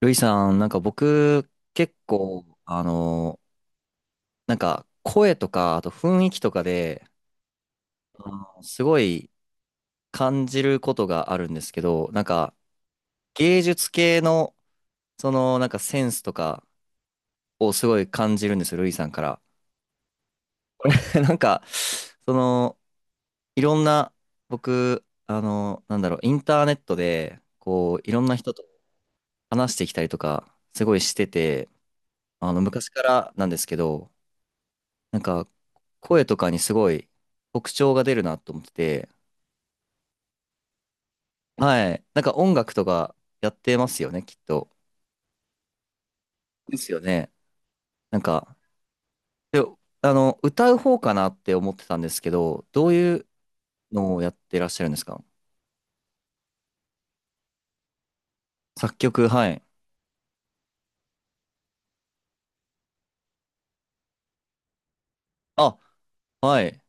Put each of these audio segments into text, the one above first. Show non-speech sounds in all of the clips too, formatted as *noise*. ルイさん、なんか僕、結構、なんか声とか、あと雰囲気とかで、あのすごい感じることがあるんですけど、なんか芸術系の、なんかセンスとかをすごい感じるんですよ、ルイさんから。*laughs* なんか、その、いろんな、僕、なんだろう、インターネットで、こう、いろんな人と話してきたりとか、すごいしてて、あの、昔からなんですけど、なんか、声とかにすごい特徴が出るなと思ってて、はい。なんか音楽とかやってますよね、きっと。ですよね。なんか、で、あの、歌う方かなって思ってたんですけど、どういうのをやってらっしゃるんですか？作曲、はい。あ、はい。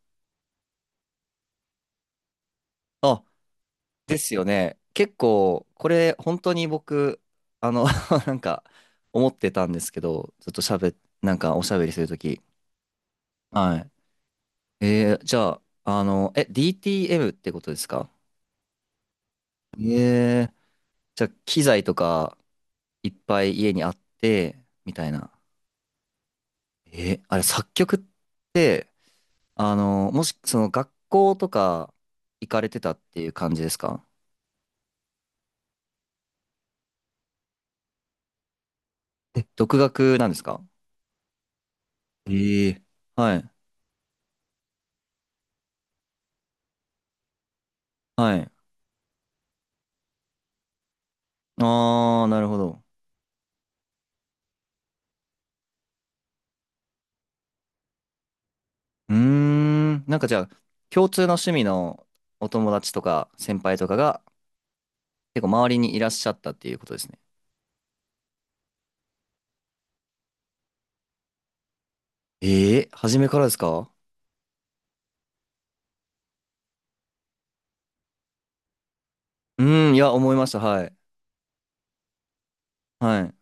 あ、ですよね。結構、これ、本当に僕、あの、*laughs* なんか、思ってたんですけど、ずっとしゃべなんかおしゃべりするとき。はい。じゃあ、DTM ってことですか？ええー、じゃあ、機材とかいっぱい家にあって、みたいな。えー、あれ、作曲って、あの、もし、学校とか行かれてたっていう感じですか？え、独学なんですか？ええはい、はい。あー、なるほど。うーん、なんかじゃあ、共通の趣味のお友達とか先輩とかが結構周りにいらっしゃったっていうことですね。ええ初めからですか？うん、いや、思いました。はい。はい。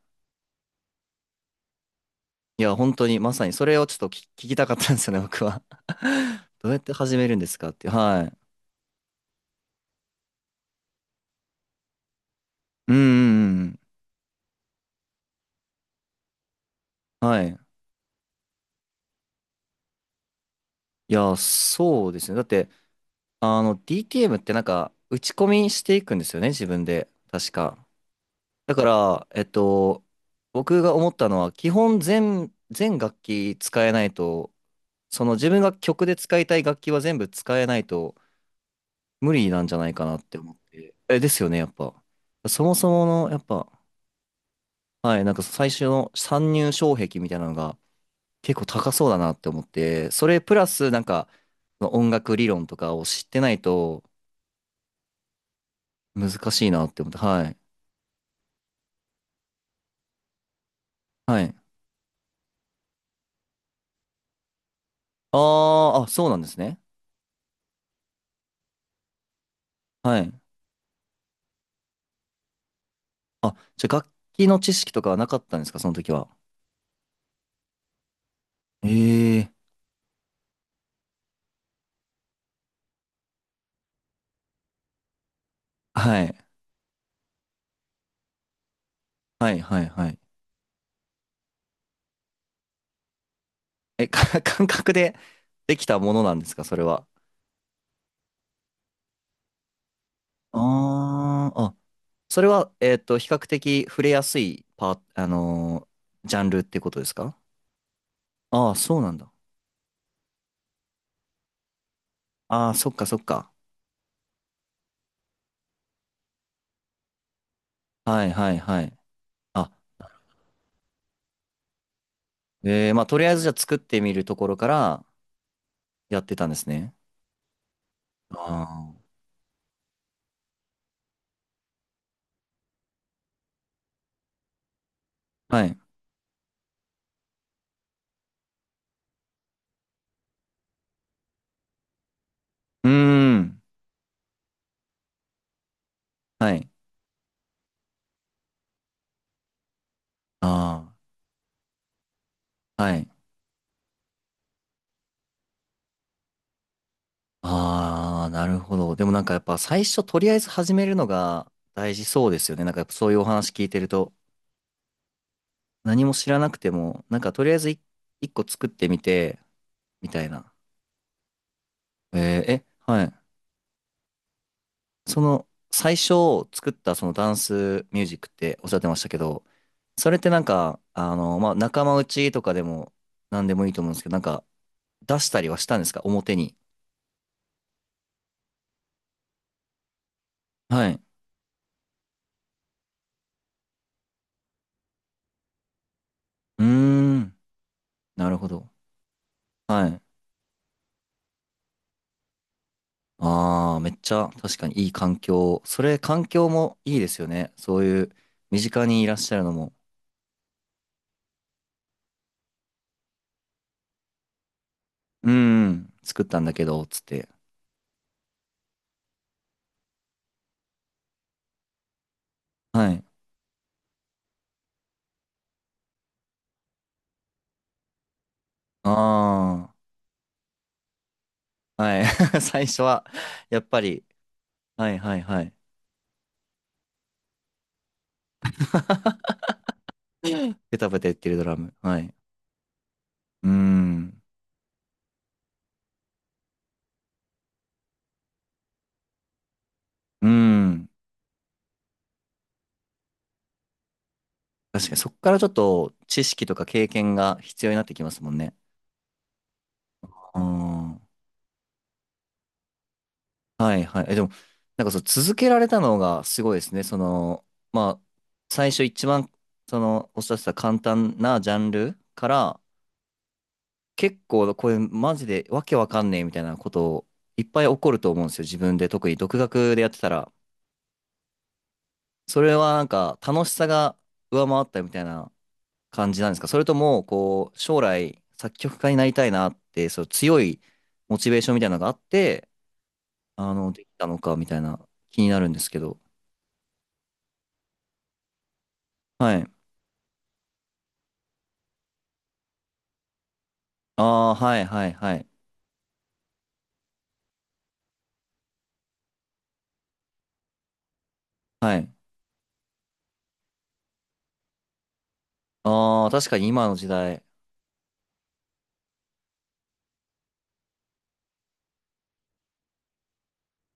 いや、本当に、まさにそれをちょっと聞きたかったんですよね、*laughs* 僕は。*laughs* どうやって始めるんですかって。はい。うんうんうん。はい。いや、そうですね。だって、あの、DTM ってなんか、打ち込みしていくんですよね、自分で。確か。だから、えっと、僕が思ったのは、基本全、全楽器使えないと、その自分が曲で使いたい楽器は全部使えないと、無理なんじゃないかなって思って。え、ですよね、やっぱ。そもそもの、やっぱ、はい、なんか最初の参入障壁みたいなのが結構高そうだなって思って、それプラスなんか、その音楽理論とかを知ってないと難しいなって思って、はい。はい。あーあ、そうなんですね。はい。あ、じゃあ楽器の知識とかはなかったんですか、その時は。ええはい。はい、はい、はい。え、か *laughs* 感覚でできたものなんですか、それは。あーあ、それは、えっと、比較的触れやすいパー、あのージャンルってことですか？ああー、そうなんだ。ああ、そっかそっか。はいはいはい。あ、えー、まあ、とりあえずじゃあ作ってみるところからやってたんですね。ああ。はい。うーん。はい。ああ。はい。ああ、なるほど。でもなんかやっぱ最初とりあえず始めるのが大事そうですよね。なんかやっぱそういうお話聞いてると、何も知らなくても、なんかとりあえず一個作ってみて、みたいな。えーえ、はい。その、最初作ったそのダンスミュージックっておっしゃってましたけど、それってなんか、あの、まあ、仲間内とかでも何でもいいと思うんですけど、なんか出したりはしたんですか表に。はい。うーん。なるほど。はい。ああ、めっちゃ確かにいい環境。それ環境もいいですよね。そういう身近にいらっしゃるのも。うーん。作ったんだけど、つって。はい。ああ。はい。*laughs* 最初は、やっぱり、はいはいはい。*laughs* ペタペタ言ってるドラム。はい。うーん。うーん。確かにそこからちょっと知識とか経験が必要になってきますもんね。うん。はいはい。え、でも、なんかそう続けられたのがすごいですね。まあ、最初一番、その、おっしゃってた簡単なジャンルから、結構これマジでわけわかんねえみたいなことをいっぱい起こると思うんですよ。自分で特に独学でやってたら。それはなんか楽しさが上回ったみたいな感じなんですか？それとも、こう、将来、作曲家になりたいなって、そう、強いモチベーションみたいなのがあって、あの、できたのか、みたいな、気になるんですけど。はい。ああ、はいはいはい。はい。ああ、確かに今の時代。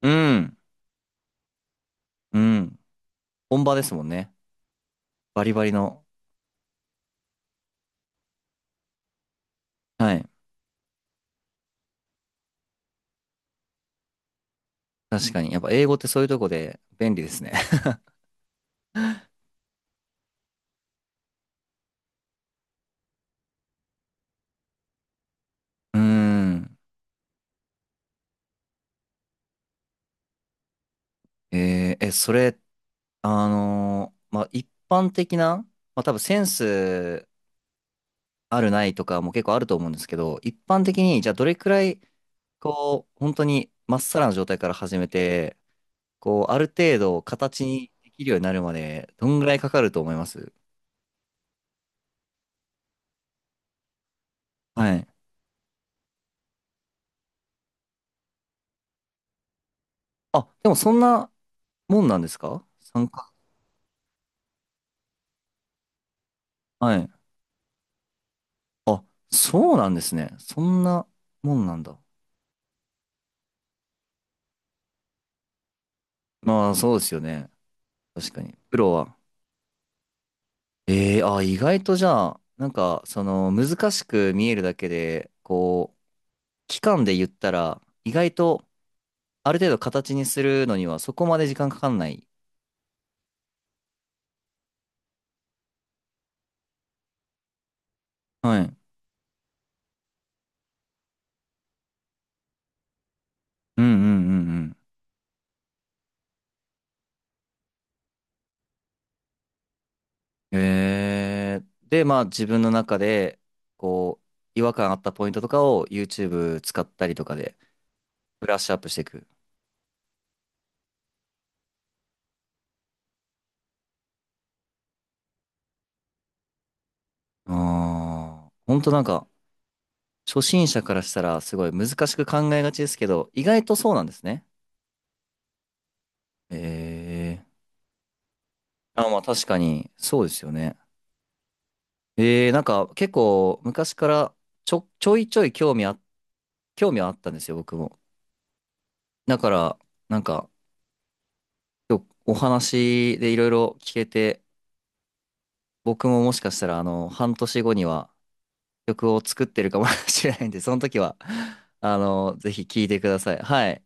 うん。うん。本場ですもんね。バリバリの。はい。確かに。やっぱ英語ってそういうとこで便利ですね。*laughs* うーん。えーえ、それ、あのーまあ、一般的な、まあ、多分センスあるないとかも結構あると思うんですけど、一般的に、じゃあどれくらい、こう、本当にまっさらな状態から始めて、こう、ある程度形にできるようになるまで、どんぐらいかかると思います？はい。あ、でもそんなもんなんですか参加。はい。あ、そうなんですね。そんなもんなんだ。まあ、そうですよね。確かに。プロは。ええあ、意外とじゃあ、なんか、その、難しく見えるだけで、こう、期間で言ったら、意外とある程度形にするのにはそこまで時間かかんない。はい。うんうんうん。えー、で、まあ自分の中で、こう、違和感あったポイントとかを YouTube 使ったりとかでブラッシュアップしていく。ああ、ほんとなんか、初心者からしたらすごい難しく考えがちですけど、意外とそうなんですね。えー、あ、まあ確かに、そうですよね。えー、なんか結構昔からちょいちょい興味はあったんですよ、僕も。だから、なんか、今日お話でいろいろ聞けて、僕ももしかしたら、あの、半年後には曲を作ってるかも *laughs* しれないんで、その時は、あの、ぜひ聞いてください。はい。